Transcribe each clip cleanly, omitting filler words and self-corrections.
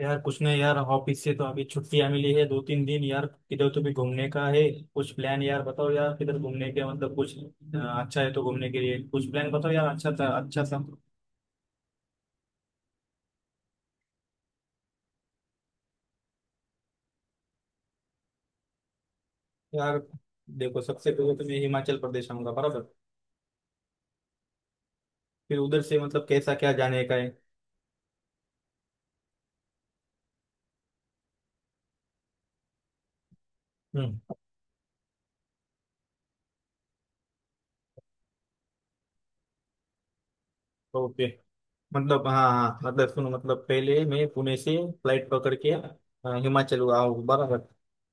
यार कुछ नहीं यार, ऑफिस से तो अभी छुट्टियां मिली है 2 3 दिन। यार किधर तो भी घूमने का है कुछ प्लान, यार बताओ। यार किधर घूमने के मतलब कुछ अच्छा है तो घूमने के लिए कुछ प्लान बताओ यार, अच्छा था, अच्छा सा। यार देखो, सबसे पहले तो मैं हिमाचल प्रदेश आऊंगा, बराबर। फिर उधर से मतलब कैसा क्या जाने का है। हम्म। ओके, मतलब हाँ हाँ। मतलब सुनो, मतलब पहले मैं पुणे से फ्लाइट पकड़ के हिमाचल आऊँ, बराबर।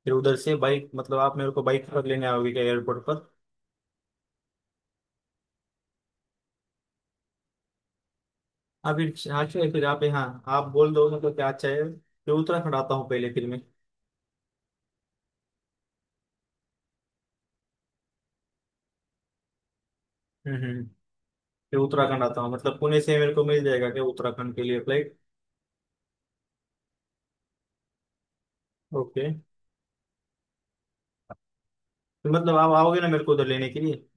फिर उधर से बाइक, मतलब आप मेरे को बाइक पर लेने आओगे क्या एयरपोर्ट पर? अभी हाँ, चलिए फिर आप यहाँ। आप बोल दो मतलब क्या अच्छा है, फिर उत्तराखंड आता हूँ पहले, फिर मैं। हम्म। फिर उत्तराखंड आता हूँ मतलब पुणे से मेरे को मिल जाएगा क्या उत्तराखंड के लिए फ्लाइट? ओके। तो मतलब आप आओगे ना मेरे को उधर लेने के लिए?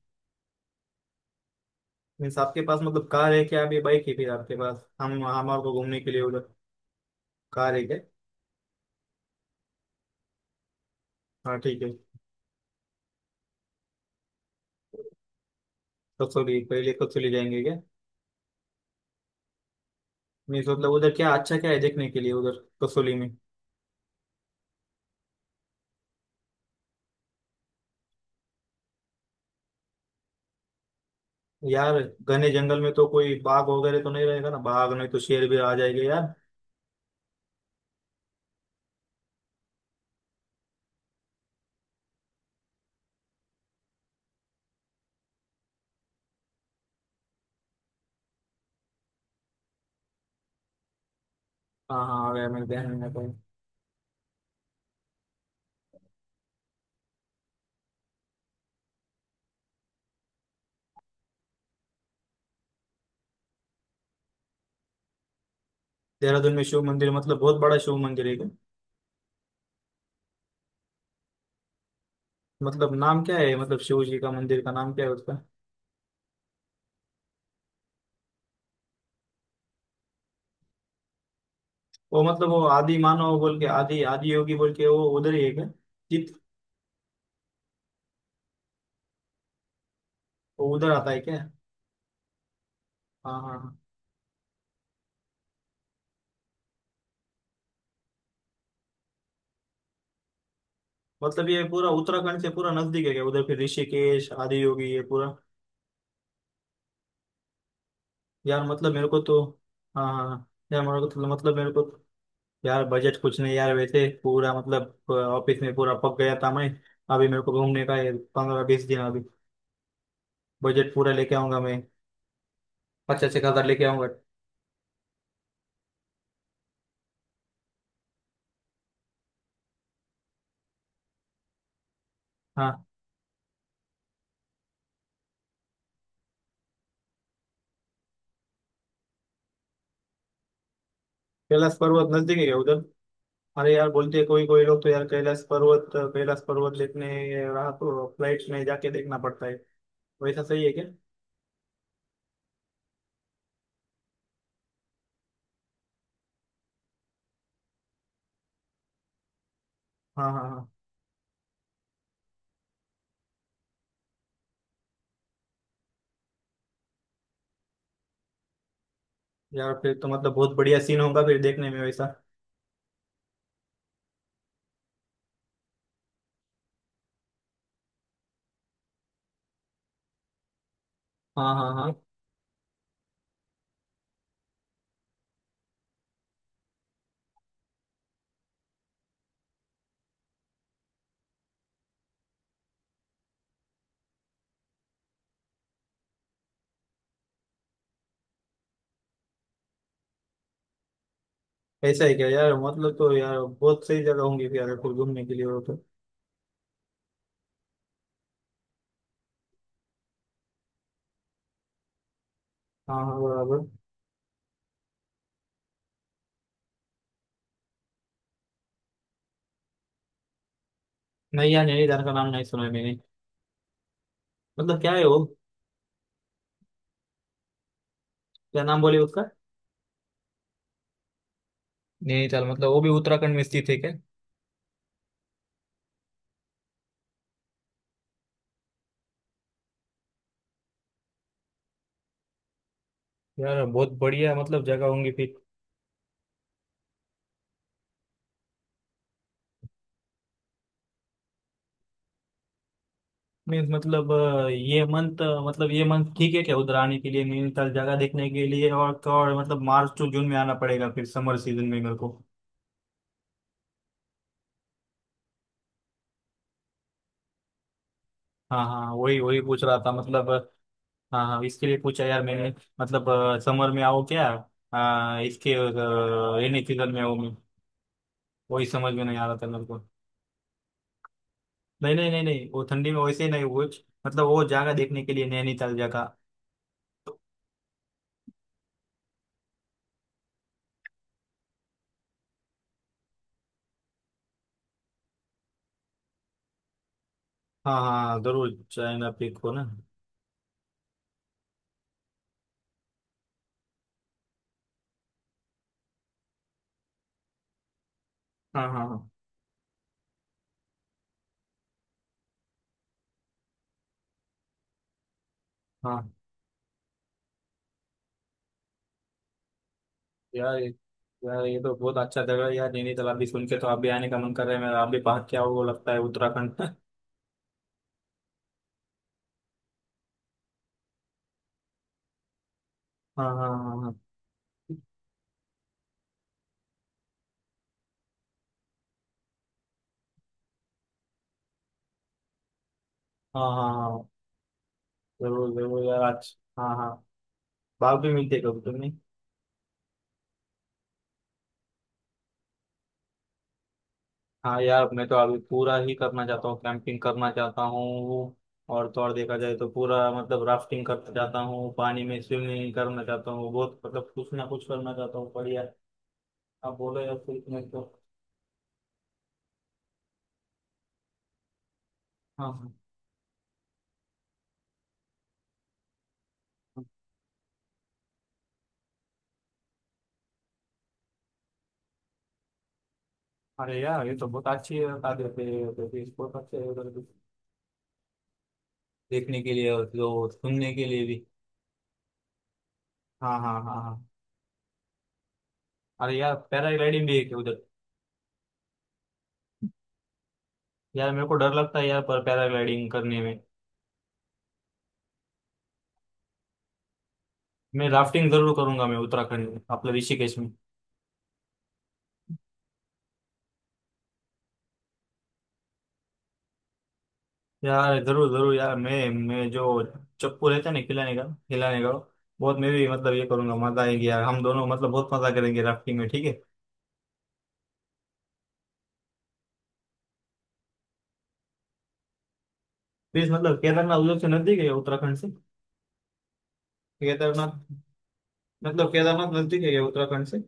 मीन्स आपके पास मतलब कार है क्या अभी, बाइक है फिर आपके पास हम हमारे को घूमने के लिए उधर? कार है क्या? हाँ ठीक है। कसौली, पहले कसौली जाएंगे क्या? मीन्स मतलब उधर क्या अच्छा क्या है देखने के लिए, उधर कसौली में? यार घने जंगल में तो कोई बाघ वगैरह तो नहीं रहेगा ना? बाघ नहीं तो शेर भी आ जाएंगे यार। हाँ हाँ आ गया मेरे ध्यान में। देहरादून में शिव मंदिर मतलब बहुत बड़ा शिव मंदिर है क्या? मतलब नाम क्या है, मतलब शिव जी का मंदिर का नाम क्या है उसका? वो मतलब वो आदि मानव बोल के, आदि आदि योगी बोल के वो उधर ही है क्या? चित। वो उधर आता है क्या? हाँ हाँ हाँ। मतलब ये पूरा उत्तराखंड से पूरा नजदीक है क्या उधर, फिर ऋषिकेश आदि योगी ये पूरा? यार मतलब मेरे को तो, हाँ हाँ हाँ, यार मेरे को तो, मतलब मेरे को तो। यार बजट कुछ नहीं यार वैसे, पूरा मतलब ऑफिस में पूरा पक गया था मैं। अभी मेरे को घूमने का है 15 20 दिन। अभी बजट पूरा लेके आऊंगा मैं, पचास एक हजार लेके आऊंगा। हाँ, कैलाश पर्वत नजदीक है क्या उधर? अरे यार बोलते हैं कोई कोई लोग तो यार, कैलाश पर्वत देखने रहा तो फ्लाइट में जाके देखना पड़ता है, वैसा सही है क्या? हाँ हाँ हाँ। यार फिर तो मतलब बहुत बढ़िया सीन होगा फिर देखने में वैसा। हाँ हाँ हाँ। ऐसा है क्या यार? मतलब तो यार बहुत सही जगह होंगी फिर यार, फिर घूमने के लिए वो तो। हाँ हाँ बराबर। नहीं यार, नैनीताल का नाम नहीं सुना है मैंने। मतलब क्या है वो? क्या नाम बोले उसका? नैनीताल मतलब वो भी उत्तराखंड में स्थित है क्या? यार बहुत बढ़िया मतलब जगह होंगी फिर। मीन्स मतलब ये मंथ, मतलब ये मंथ ठीक है क्या उधर आने के लिए नैनीताल जगह देखने के लिए, और तो और मतलब मार्च टू जून में आना पड़ेगा फिर समर सीजन में मेरे को? हाँ हाँ वही वही पूछ रहा था मतलब, हाँ हाँ, इसके लिए पूछा यार मैंने। मतलब समर में आओ क्या, इसके रेनी सीजन में आओ, मैं वही समझ में नहीं आ रहा था मेरे को। नहीं नहीं नहीं नहीं, वो ठंडी में वैसे ही नहीं वो, मतलब वो जगह देखने के लिए नैनीताल जगह। हाँ हाँ जरूर चाइना पीक को ना। हाँ हाँ हाँ हाँ। यार ये- यार ये तो बहुत अच्छा जगह है यार, नैनीताल अभी सुन के तो आप भी आने का मन कर रहा है मेरा। आप भी भाग क्या वो, लगता है उत्तराखंड हाँ हाँ हाँ हाँ हाँ हाँ हाँ, जरूर जरूर यार आज, हाँ हाँ। बाघ भी मिलते कभी तुमने? हाँ यार, मैं तो अभी पूरा ही करना चाहता हूँ, कैंपिंग करना चाहता हूँ, और तो और देखा जाए तो पूरा मतलब राफ्टिंग करना चाहता हूँ, पानी में स्विमिंग करना चाहता हूँ, बहुत मतलब कुछ ना कुछ करना चाहता हूँ बढ़िया। आप बोलो यार कुछ नहीं तो। हाँ हाँ। अरे यार ये तो बहुत अच्छी बता देते हैं, तो फिर बहुत अच्छे हैं उधर भी। देखने के लिए और जो सुनने के लिए भी। हाँ हाँ हाँ हाँ। अरे यार, पैराग्लाइडिंग भी है क्या उधर? यार मेरे को डर लगता है यार पर पैराग्लाइडिंग करने में। मैं राफ्टिंग जरूर करूंगा मैं उत्तराखंड में अपने ऋषिकेश में। यार जरूर जरूर यार, मैं जो चप्पू रहता है ना खिलाने का बहुत, मैं भी मतलब ये करूंगा, मजा आएगी यार। हम दोनों मतलब बहुत मजा करेंगे राफ्टिंग में, ठीक है। प्लीज मतलब केदारनाथ उधर से नजदीक है क्या उत्तराखंड से? केदारनाथ, मतलब केदारनाथ नजदीक है क्या उत्तराखंड से?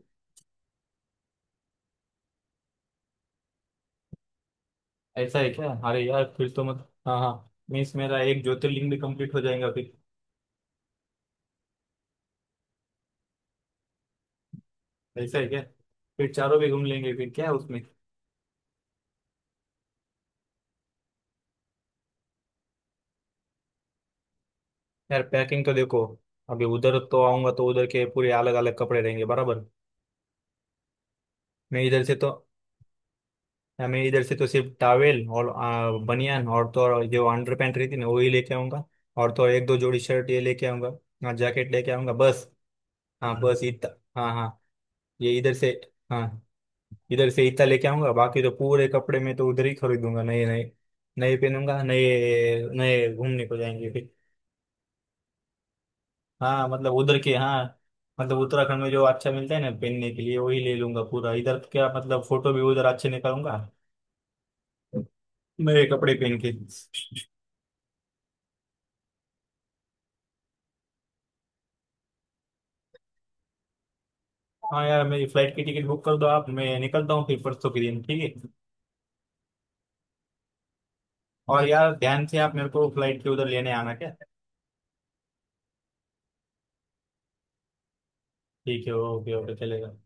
ऐसा है क्या? अरे यार फिर तो मत हाँ हाँ, मीन्स मेरा एक ज्योतिर्लिंग भी कंप्लीट हो जाएगा फिर। ऐसा है क्या? फिर चारों भी घूम लेंगे, फिर क्या है उसमें। यार पैकिंग तो देखो, अभी उधर तो आऊंगा तो उधर के पूरे अलग अलग कपड़े रहेंगे बराबर। मैं इधर से तो मैं इधर से तो सिर्फ टावेल और बनियान और तो और जो अंडर पैंट रहती ना वही लेके आऊंगा। और तो और एक दो जोड़ी शर्ट ये लेके आऊंगा। हाँ जैकेट लेके आऊंगा बस। हाँ बस इतना, हाँ हाँ। ये इधर से, हाँ इधर से इतना लेके आऊंगा, बाकी तो पूरे कपड़े में तो उधर ही खरीदूंगा नए नए। नए पहनूंगा, नए नए घूमने को जाएंगे फिर। हाँ मतलब उधर के, हाँ मतलब उत्तराखंड में जो अच्छा मिलता है ना पहनने के लिए वही ले लूंगा पूरा, इधर क्या मतलब, फोटो भी उधर अच्छे निकालूंगा नए कपड़े पहन के। हाँ यार, मेरी फ्लाइट की टिकट बुक कर दो आप, मैं निकलता हूँ फिर परसों के दिन, ठीक है। और यार ध्यान से आप मेरे को फ्लाइट के उधर लेने आना क्या। ठीक है, ओके ओके चलेगा।